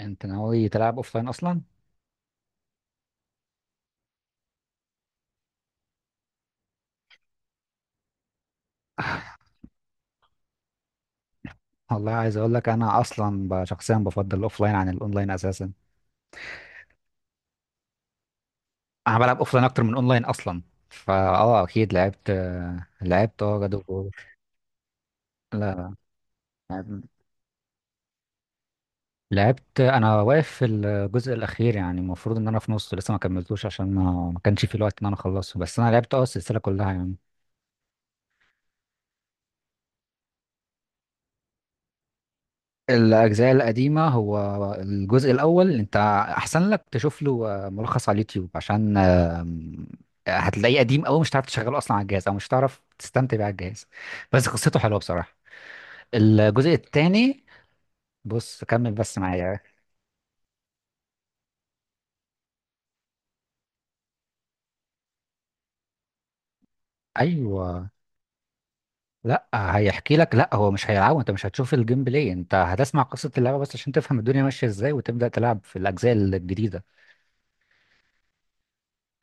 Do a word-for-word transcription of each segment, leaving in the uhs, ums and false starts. انت ناوي تلعب اوفلاين اصلا؟ والله عايز اقول لك، انا اصلا ب- شخصيا بفضل الاوفلاين عن الاونلاين اساسا. انا بلعب اوفلاين اكتر من اونلاين اصلا. فا اه اكيد لعبت. لعبت اه جاد اوف وور. لا، لا. لعب- لعبت. انا واقف في الجزء الاخير، يعني المفروض ان انا في نصه لسه، ما كملتوش عشان ما ما كانش في الوقت ان انا اخلصه، بس انا لعبت اه السلسله كلها يعني. الأجزاء القديمة، هو الجزء الأول أنت أحسن لك تشوف له آه، ملخص على اليوتيوب، عشان آم، هتلاقيه قديم أوي، مش هتعرف تشغله أصلا على الجهاز، أو مش هتعرف تستمتع بيه على الجهاز. بس قصته حلوة بصراحة. الجزء التاني، بص كمل بس معايا. أيوه. لا، هيحكي لك. لا هو مش هيلعبه، أنت مش هتشوف الجيم بلاي، أنت هتسمع قصة اللعبة بس عشان تفهم الدنيا ماشية إزاي وتبدأ تلعب في الأجزاء الجديدة.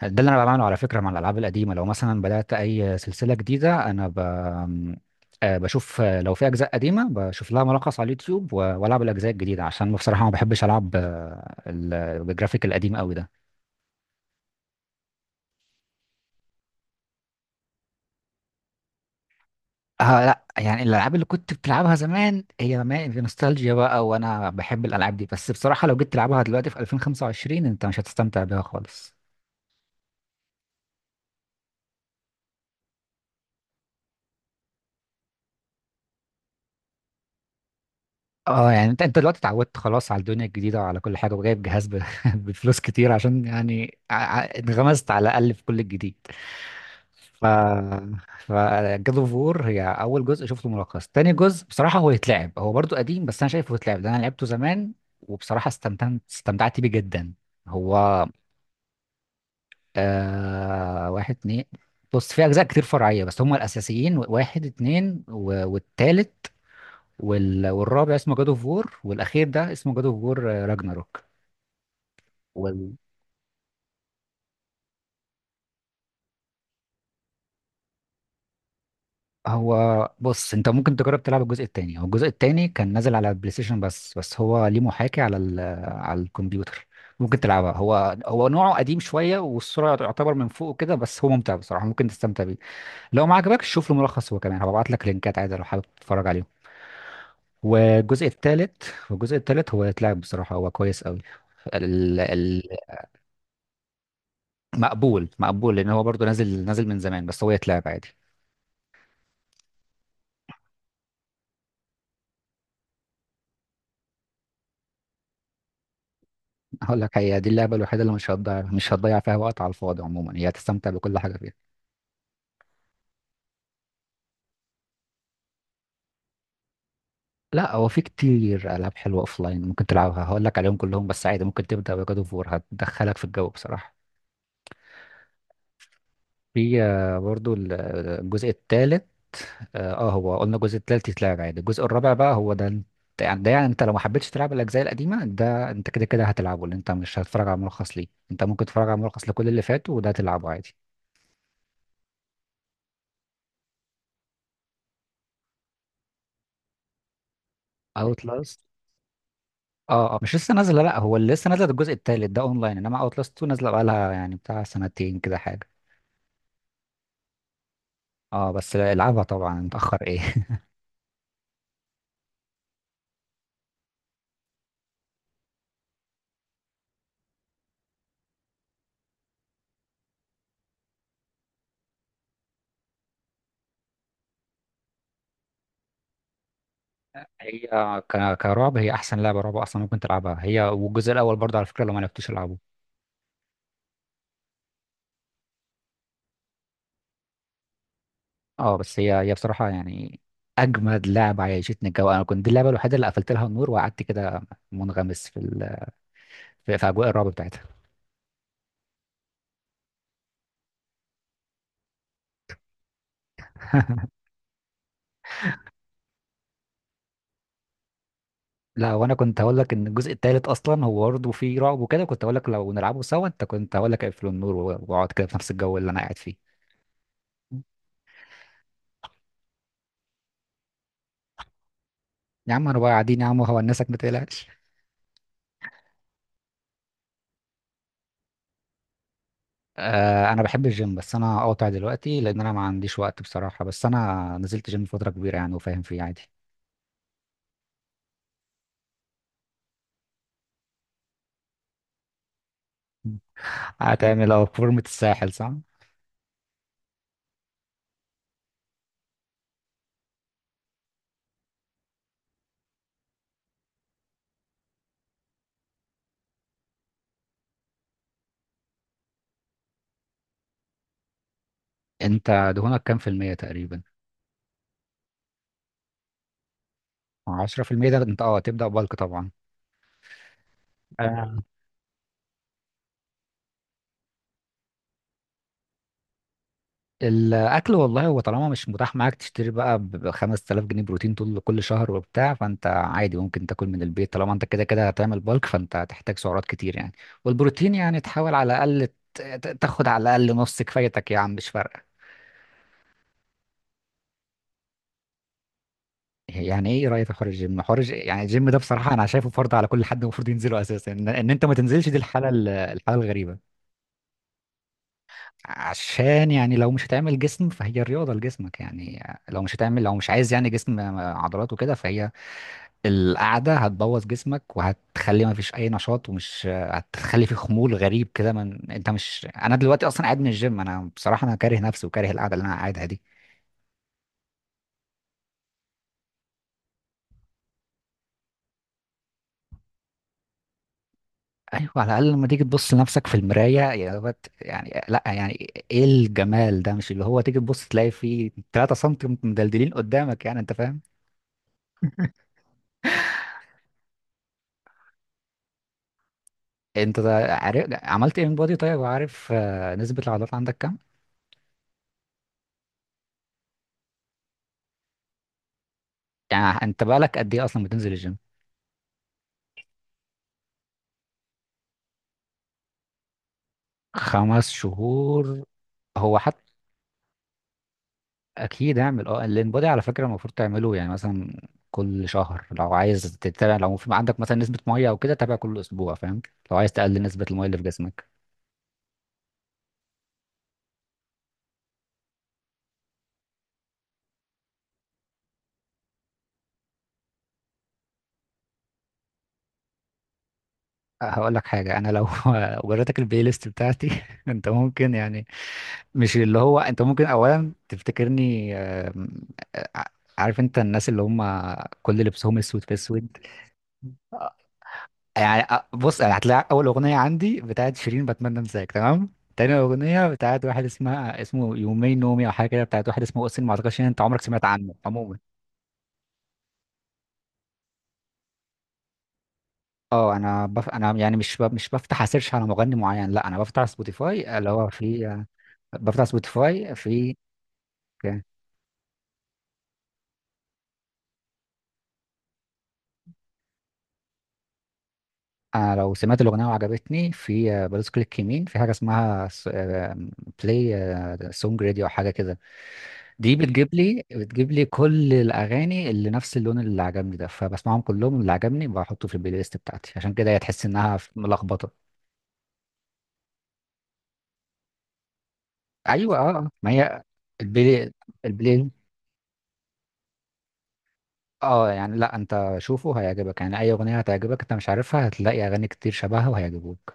ده اللي انا بعمله على فكره مع الالعاب القديمه، لو مثلا بدات اي سلسله جديده انا ب... آه، بشوف، آه، لو في اجزاء قديمه بشوف لها ملخص على اليوتيوب، و- والعب الاجزاء الجديده، عشان بصراحه ما بحبش العب آه، ال- بالجرافيك القديم قوي ده. آه لا، يعني الالعاب اللي كنت بتلعبها زمان، هي ما في نوستالجيا بقى، وانا بحب الالعاب دي، بس بصراحه لو جيت تلعبها دلوقتي في ألفين وخمسة وعشرين انت مش هتستمتع بيها خالص. اه، يعني انت انت دلوقتي اتعودت خلاص على الدنيا الجديدة وعلى كل حاجة، وجايب جهاز ب- بفلوس كتير عشان يعني ع- ع- انغمست على الأقل في كل الجديد. ف ف جاد اوف وور هي أول جزء شفته ملخص. تاني جزء بصراحة هو يتلعب، هو برضو قديم بس أنا شايفه يتلعب، ده أنا لعبته زمان وبصراحة استمتعت استمتعت بيه جدا. هو آه واحد اتنين. بص، في أجزاء كتير فرعية بس هما الأساسيين واحد اتنين و- والتالت وال... والرابع اسمه جاد اوف وور، والاخير ده اسمه جاد اوف وور راجناروك. وال... هو بص، انت ممكن تجرب تلعب الجزء التاني. هو الجزء التاني كان نازل على البلاي ستيشن، بس بس هو ليه محاكي على ال... على الكمبيوتر. ممكن تلعبها، هو هو نوعه قديم شويه، والصوره يعتبر من فوق كده، بس هو ممتع بصراحه ممكن تستمتع بيه. لو ما عجبكش شوف له ملخص، هو كمان هبعت لك لينكات عادي لو حابب تتفرج عليهم. والجزء التالت، والجزء التالت هو يتلعب بصراحه، هو كويس قوي. مقبول، مقبول لان هو برضه نازل نازل من زمان، بس هو يتلعب عادي. هقول لك، هي دي اللعبه الوحيده اللي مش هتضيع مش هتضيع فيها وقت على الفاضي، عموما هي هتستمتع بكل حاجه فيها. لا، هو في كتير العاب حلوه اوف لاين ممكن تلعبها، هقول لك عليهم كلهم، بس عادي ممكن تبدا بجاد اوف وور، هتدخلك في الجو بصراحه. في آه، برضه ال- آه، الجزء الثالث. اه، آه، هو قلنا الجزء الثالث يتلعب عادي، الجزء الرابع بقى هو ده انت، يعني ده يعني انت لو ما حبيتش تلعب الاجزاء القديمه ده انت كده كده هتلعبه، لان انت مش هتتفرج على ملخص ليه، انت ممكن تتفرج على ملخص لكل اللي فات وده تلعبه عادي. اوتلاست، اه. اه، مش لسه نازله، لا هو اللي لسه نازله ده الجزء التالت، ده اونلاين، انما اوت لاست تو نازله بقالها يعني بتاع سنتين كده حاجه. اه بس العبها طبعا، متاخر ايه هي ك- كرعب، هي احسن لعبه رعب اصلا ممكن تلعبها، هي والجزء الاول برضه على فكره لو ما عرفتوش العبه. اه بس هي هي بصراحه يعني اجمد لعبه، عيشتني الجو. انا كنت دي اللعبه الوحيده اللي قفلت لها النور وقعدت كده منغمس في ال... في في اجواء الرعب بتاعتها. لا، وانا كنت هقول لك ان الجزء الثالث اصلا هو برضه فيه رعب وكده، كنت هقول لك لو نلعبه سوا، انت كنت هقول لك اقفل النور و- واقعد كده في نفس الجو اللي انا قاعد فيه. يا عم انا بقى قاعدين يا عم وهونسك، ما تقلقش. آه انا بحب الجيم، بس انا قاطع دلوقتي لان انا ما عنديش وقت بصراحه، بس انا نزلت جيم فتره كبيره يعني وفاهم فيه عادي. هتعمل اه فورمة الساحل، صح؟ انت دهونك كام في المية تقريبا؟ عشرة في المية، ده انت اه تبدأ بالك طبعا. الاكل والله، هو طالما مش متاح معاك تشتري بقى ب خمست آلاف جنيه بروتين طول كل شهر وبتاع، فانت عادي ممكن تاكل من البيت، طالما انت كده كده هتعمل بالك فانت هتحتاج سعرات كتير يعني، والبروتين يعني تحاول على الاقل ت- ت- تاخد على الاقل نص كفايتك يا عم، مش فارقه. يعني ايه رايك في حوار الجيم؟ حوار الج- يعني الجيم ده بصراحه انا شايفه فرض على كل حد، المفروض ينزله اساسا، ان إن انت ما تنزلش دي الحاله، ال- الحاله الغريبه. عشان يعني لو مش هتعمل جسم فهي الرياضه لجسمك يعني، لو مش هتعمل لو مش عايز يعني جسم عضلات وكده فهي، القعدة هتبوظ جسمك وهتخلي ما فيش أي نشاط، ومش هتخلي فيه خمول غريب كده. من أنت مش، أنا دلوقتي أصلا قاعد من الجيم، أنا بصراحة أنا كاره نفسي وكاره القعدة اللي أنا قاعدها دي. أيوة، على الأقل لما تيجي تبص لنفسك في المراية يا بت... يعني لأ، يعني إيه الجمال ده، مش اللي هو تيجي تبص تلاقي فيه ثلاثة سم مدلدلين قدامك يعني، أنت فاهم. أنت ده عارف عملت إيه من بودي طيب، وعارف آه، نسبة العضلات عندك كام؟ يعني أنت بقالك قد إيه أصلا بتنزل الجيم؟ خمس شهور؟ هو اكيد اعمل اه الانبادي على فكره، المفروض تعمله يعني مثلا كل شهر، لو عايز تتابع لو في عندك مثلا نسبه ميه او كده تابع كل اسبوع فاهم، لو عايز تقلل نسبه الميه اللي في جسمك. أه، هقول لك حاجه انا لو وريتك البلاي ليست بتاعتي انت ممكن يعني، مش اللي هو انت ممكن اولا تفتكرني آم، آه، عارف انت الناس اللي هم كل لبسهم اسود في اسود. يعني أ- بص، أنا هتلاقي اول اغنيه عندي بتاعت شيرين، بتمنى انساك، تمام. تاني اغنيه بتاعت واحد اسمها اسمه يومين نومي او حاجه كده، بتاعت واحد اسمه اوسين، ما اعتقدش ان انت عمرك سمعت عنه عموما. اه انا بف... انا يعني مش ب... مش بفتح اسيرش على مغني معين، لا انا بفتح سبوتيفاي اللي هو في، بفتح سبوتيفاي في آه، انا لو سمعت الاغنيه وعجبتني في بدوس كليك يمين في حاجه اسمها بلاي سونج راديو او حاجه كده. دي بتجيب لي بتجيب لي كل الاغاني اللي نفس اللون اللي عجبني ده، فبسمعهم كلهم. اللي عجبني بحطه في البلاي ليست بتاعتي، عشان كده هي تحس انها ملخبطه. ايوه، اه آه. ما هي البلاي، البلاي اه يعني لا، انت شوفه هيعجبك، يعني اي اغنيه هتعجبك انت مش عارفها هتلاقي اغاني كتير شبهها وهيعجبوك.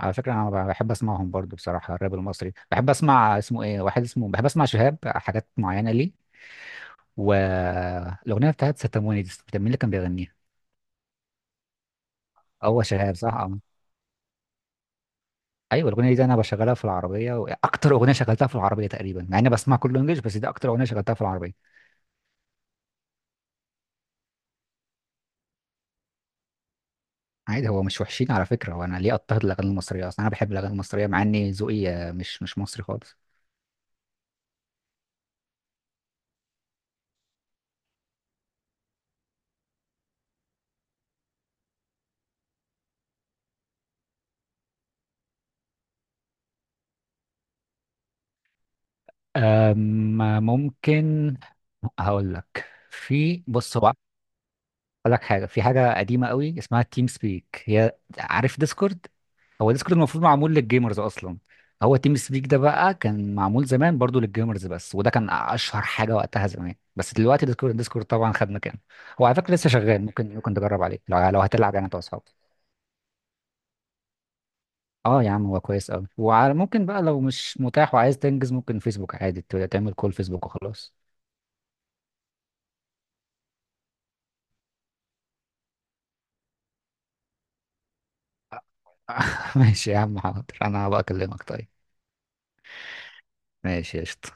على فكره انا بحب اسمعهم برضو بصراحه، الراب المصري بحب اسمع اسمه ايه، واحد اسمه بحب اسمع شهاب حاجات معينه ليه. والاغنيه بتاعت ستاموني دي بتاع مين اللي كان بيغنيها؟ هو شهاب صح آه. ايوه الاغنيه دي انا بشغلها في العربيه، واكتر اغنيه شغلتها في العربيه تقريبا، مع اني بسمع كله انجلش بس دي اكتر اغنيه شغلتها في العربيه. عادي، هو مش وحشين على فكره، وانا ليه اضطهد الاغاني المصريه اصلا؟ انا بحب الاغاني المصريه مع اني ذوقي آه، مش مش مصري خالص. أما ممكن هقول لك في بص هو هقول لك حاجه. في حاجه قديمه قوي اسمها تيم سبيك، هي عارف ديسكورد. هو ديسكورد المفروض معمول للجيمرز اصلا، هو تيم سبيك ده بقى كان معمول زمان برضو للجيمرز بس، وده كان اشهر حاجه وقتها زمان، بس دلوقتي ديسكورد، ديسكورد طبعا خد مكانه. هو على فكره لسه شغال، ممكن ممكن تجرب عليه لو لو هتلعب يعني انت واصحابك. اه يا عم هو كويس قوي، وعلى ممكن بقى لو مش متاح وعايز تنجز ممكن فيسبوك عادي ت- تعمل كول فيسبوك وخلاص. ماشي يا عم حاضر، انا هبقى اكلمك طيب. ماشي، قشطة.